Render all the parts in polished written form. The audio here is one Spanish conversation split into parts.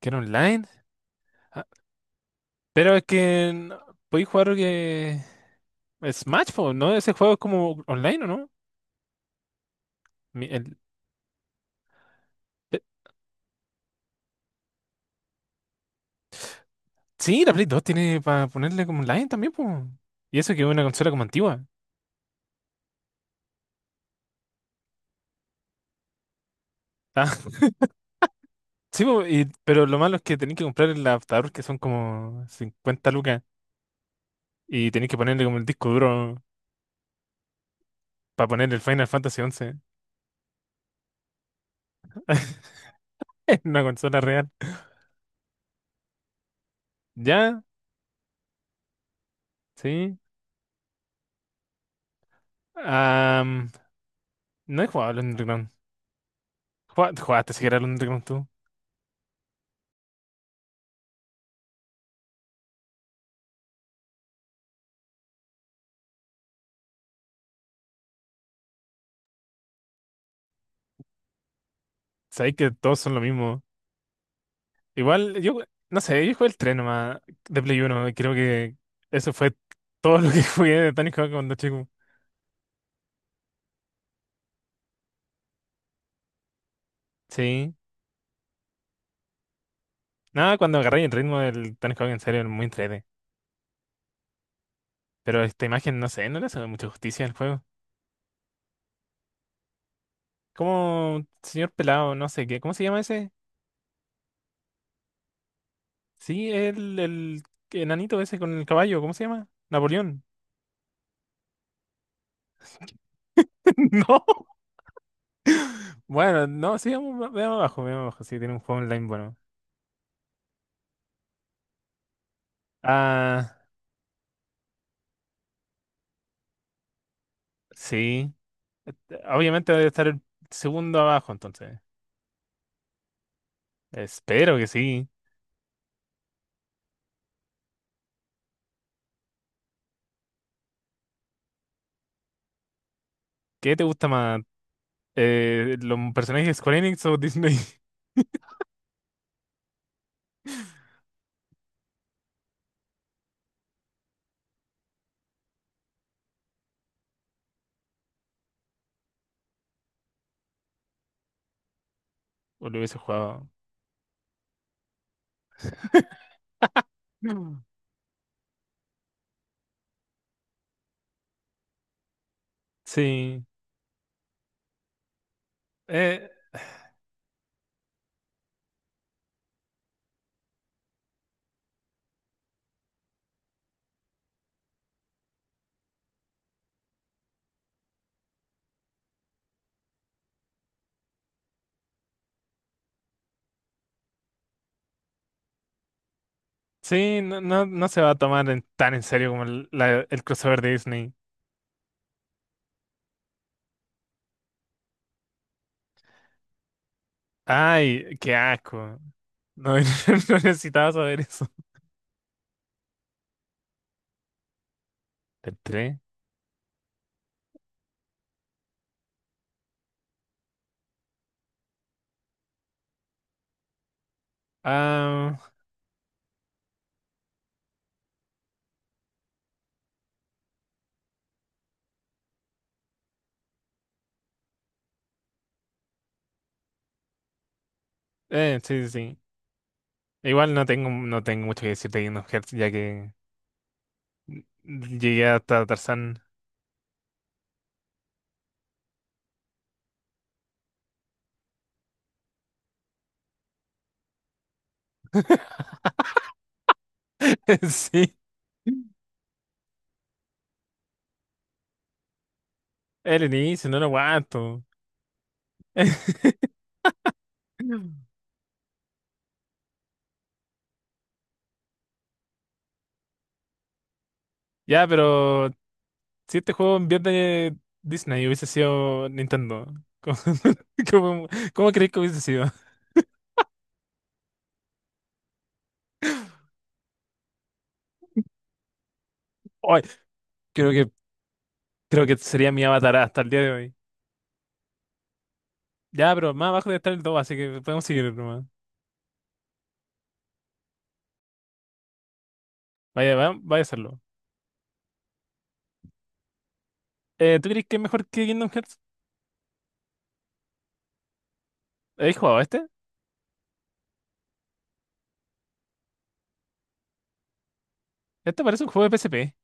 ¿Que era online? Ah, pero es que podéis jugar que Smash, po, ¿no? Ese juego es como online, ¿o no? Mi- el- pe- Sí, la Play 2 tiene para ponerle como online también, pues. Y eso que es una consola como antigua. Ah, sí, po, pero lo malo es que tenéis que comprar el adaptador que son como 50 lucas y tenéis que ponerle como el disco duro para poner el Final Fantasy 11 en una consola real. Ya, sí. Am, no he jugado al Underground. ¿Jugaste siquiera al Underground tú? Sabéis que todos son lo mismo. Igual, no sé, yo jugué el 3 nomás de Play uno y creo que eso fue todo lo que jugué de Tony Hawk cuando chico. Sí. Nada, cuando agarré el ritmo del Tony Hawk en serio, era muy entrete. Pero esta imagen, no sé, no le hace mucha justicia al juego. Como señor pelado, no sé qué. ¿Cómo se llama ese? Sí, el enanito ese con el caballo, ¿cómo se llama? Napoleón. No. Bueno, no, sí, veamos, veamos abajo. Sí, tiene un juego online bueno. Ah, sí. Obviamente debe estar el segundo abajo, entonces. Espero que sí. ¿Qué te gusta más? ¿Los personajes de Square Enix o Disney? ¿O lo hubiese jugado? Mm. Sí. Eh, sí, no, no, no se va a tomar tan en serio como el crossover de Disney. Ay, qué asco. No, no necesitaba saber eso. ¿Del tres? Ah, sí, sí, sí. Igual no tengo mucho que decirte de Kingdom Hearts, ya que llegué hasta Tarzán. Sí. El inicio, no lo aguanto. Mm. Ya, pero si este juego en vez de Disney hubiese sido Nintendo, ¿cómo, cómo- cómo crees que hubiese sido? Ay, creo que, creo que sería mi avatar hasta el día de hoy. Ya, pero más abajo debe estar el 2, así que podemos seguir nomás. Vaya, vaya a hacerlo. ¿Tú crees que es mejor que Kingdom Hearts? ¿Habéis jugado este? Este parece un juego de PSP.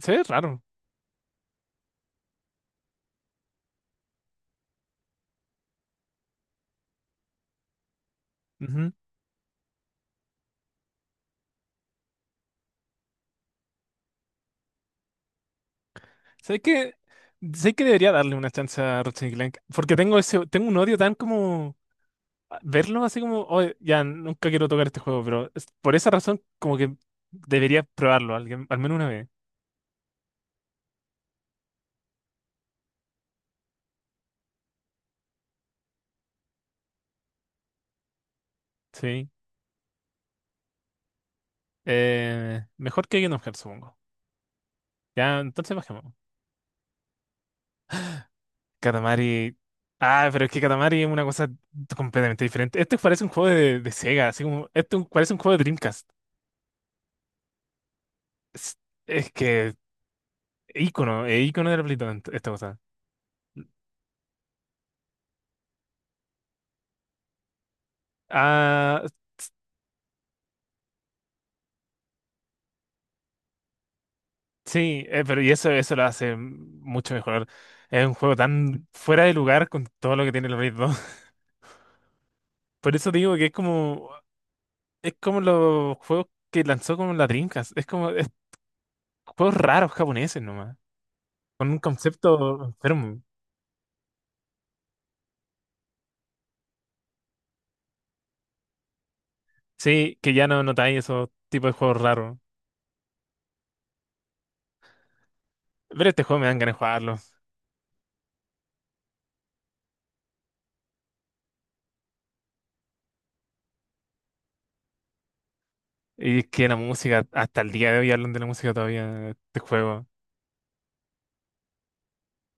Se ve raro. Ujú. ¿Sabes qué? Sé que debería darle una chance a Ratchet y Clank, porque tengo ese, tengo un odio tan como verlo así como: "Oye, ya nunca quiero tocar este juego", pero por esa razón como que debería probarlo alguien, al menos una vez. Sí. Mejor que Kingdom Hearts, supongo. Ya, entonces bajemos. Katamari. Ah, pero es que Katamari es una cosa completamente diferente. Este parece un juego de Sega, así como, parece un juego de Dreamcast. Es, es que, ícono, es ícono de la play esta cosa. Ah, sí, pero y eso lo hace mucho mejor. Es un juego tan fuera de lugar con todo lo que tiene el Blade. Por eso digo que es como los juegos que lanzó como la Dreamcast. Es juegos raros japoneses nomás, con un concepto enfermo. Sí, que ya no notáis esos tipos de juegos raros. Pero este juego me dan ganas de jugarlo. Y es que la música, hasta el día de hoy hablan de la música todavía, de este juego.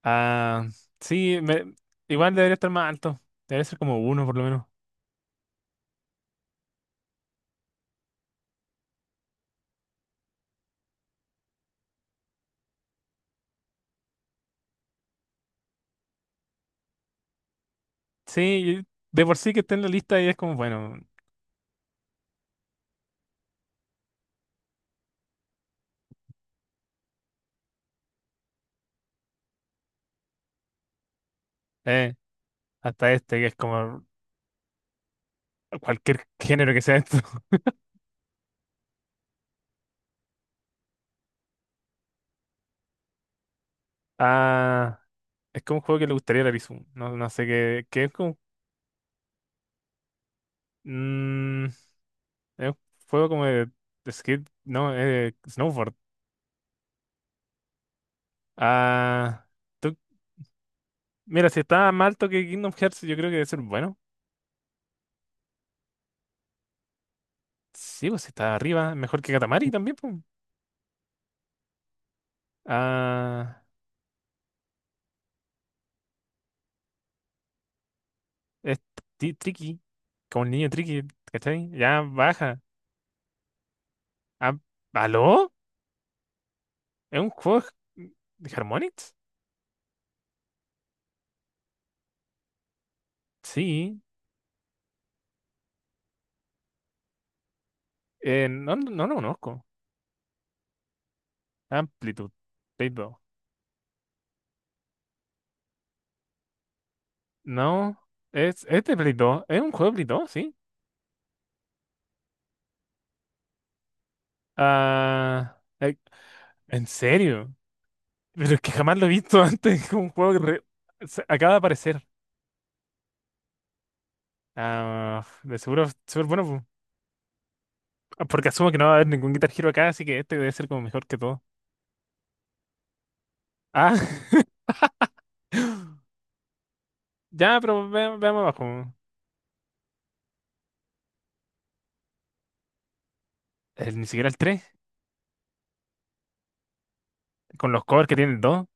Ah, sí, igual debería estar más alto. Debería ser como uno por lo menos. Sí, y de por sí que está en la lista y es como, bueno, eh, hasta este que es como cualquier género que sea esto. Ah, es como un juego que le gustaría a la Lizu. No, no sé qué, qué es como. Mm, es un juego como de skate. No, snowboard. Ah. tú- mira, si está más alto que Kingdom Hearts, yo creo que debe ser bueno. Sí, pues si está arriba. Mejor que Katamari también, pues. Ah. Es tricky. Como el niño tricky, ¿cachai? Ya baja. Ah, ¿aló? ¿Es un juego de de Harmonix? Sí. No, no, no lo conozco. Amplitude. Blade. No, es de Play 2. Es un juego de Play 2, sí. Ah, ¿en serio? Pero es que jamás lo he visto antes. Es un juego que acaba de aparecer. Ah, de seguro es súper bueno, porque asumo que no va a haber ningún Guitar Hero acá, así que este debe ser como mejor que todo. Ah, ya, pero veamos abajo. Ni siquiera el 3, con los covers que tiene el 2.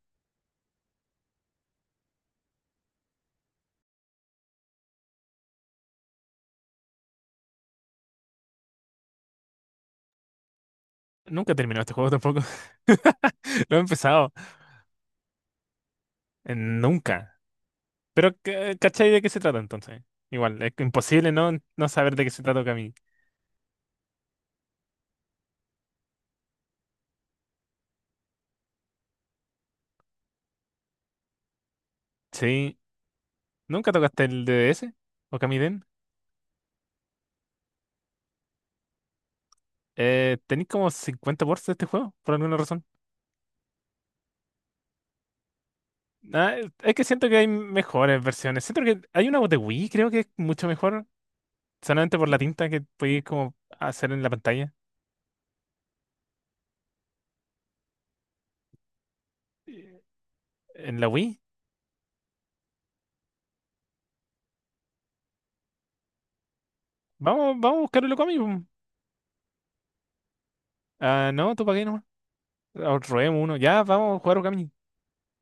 Nunca he terminado este juego tampoco. Lo he empezado. Nunca. Pero, ¿cachai de qué se trata entonces? Igual, es imposible no, no saber de qué se trata Okami. Sí. ¿Nunca tocaste el DDS? ¿O Den? ¿Tenéis como 50 ports de este juego? Por alguna razón. Ah, es que siento que hay mejores versiones. Siento que hay una de Wii, creo que es mucho mejor. Solamente por la tinta que podéis como hacer en la pantalla. Eh, En la Wii. Vamos, vamos a buscar el Okami. Pum. Ah, no, tú para qué nomás. Ah, robemos uno. Ya, vamos a jugar Okami.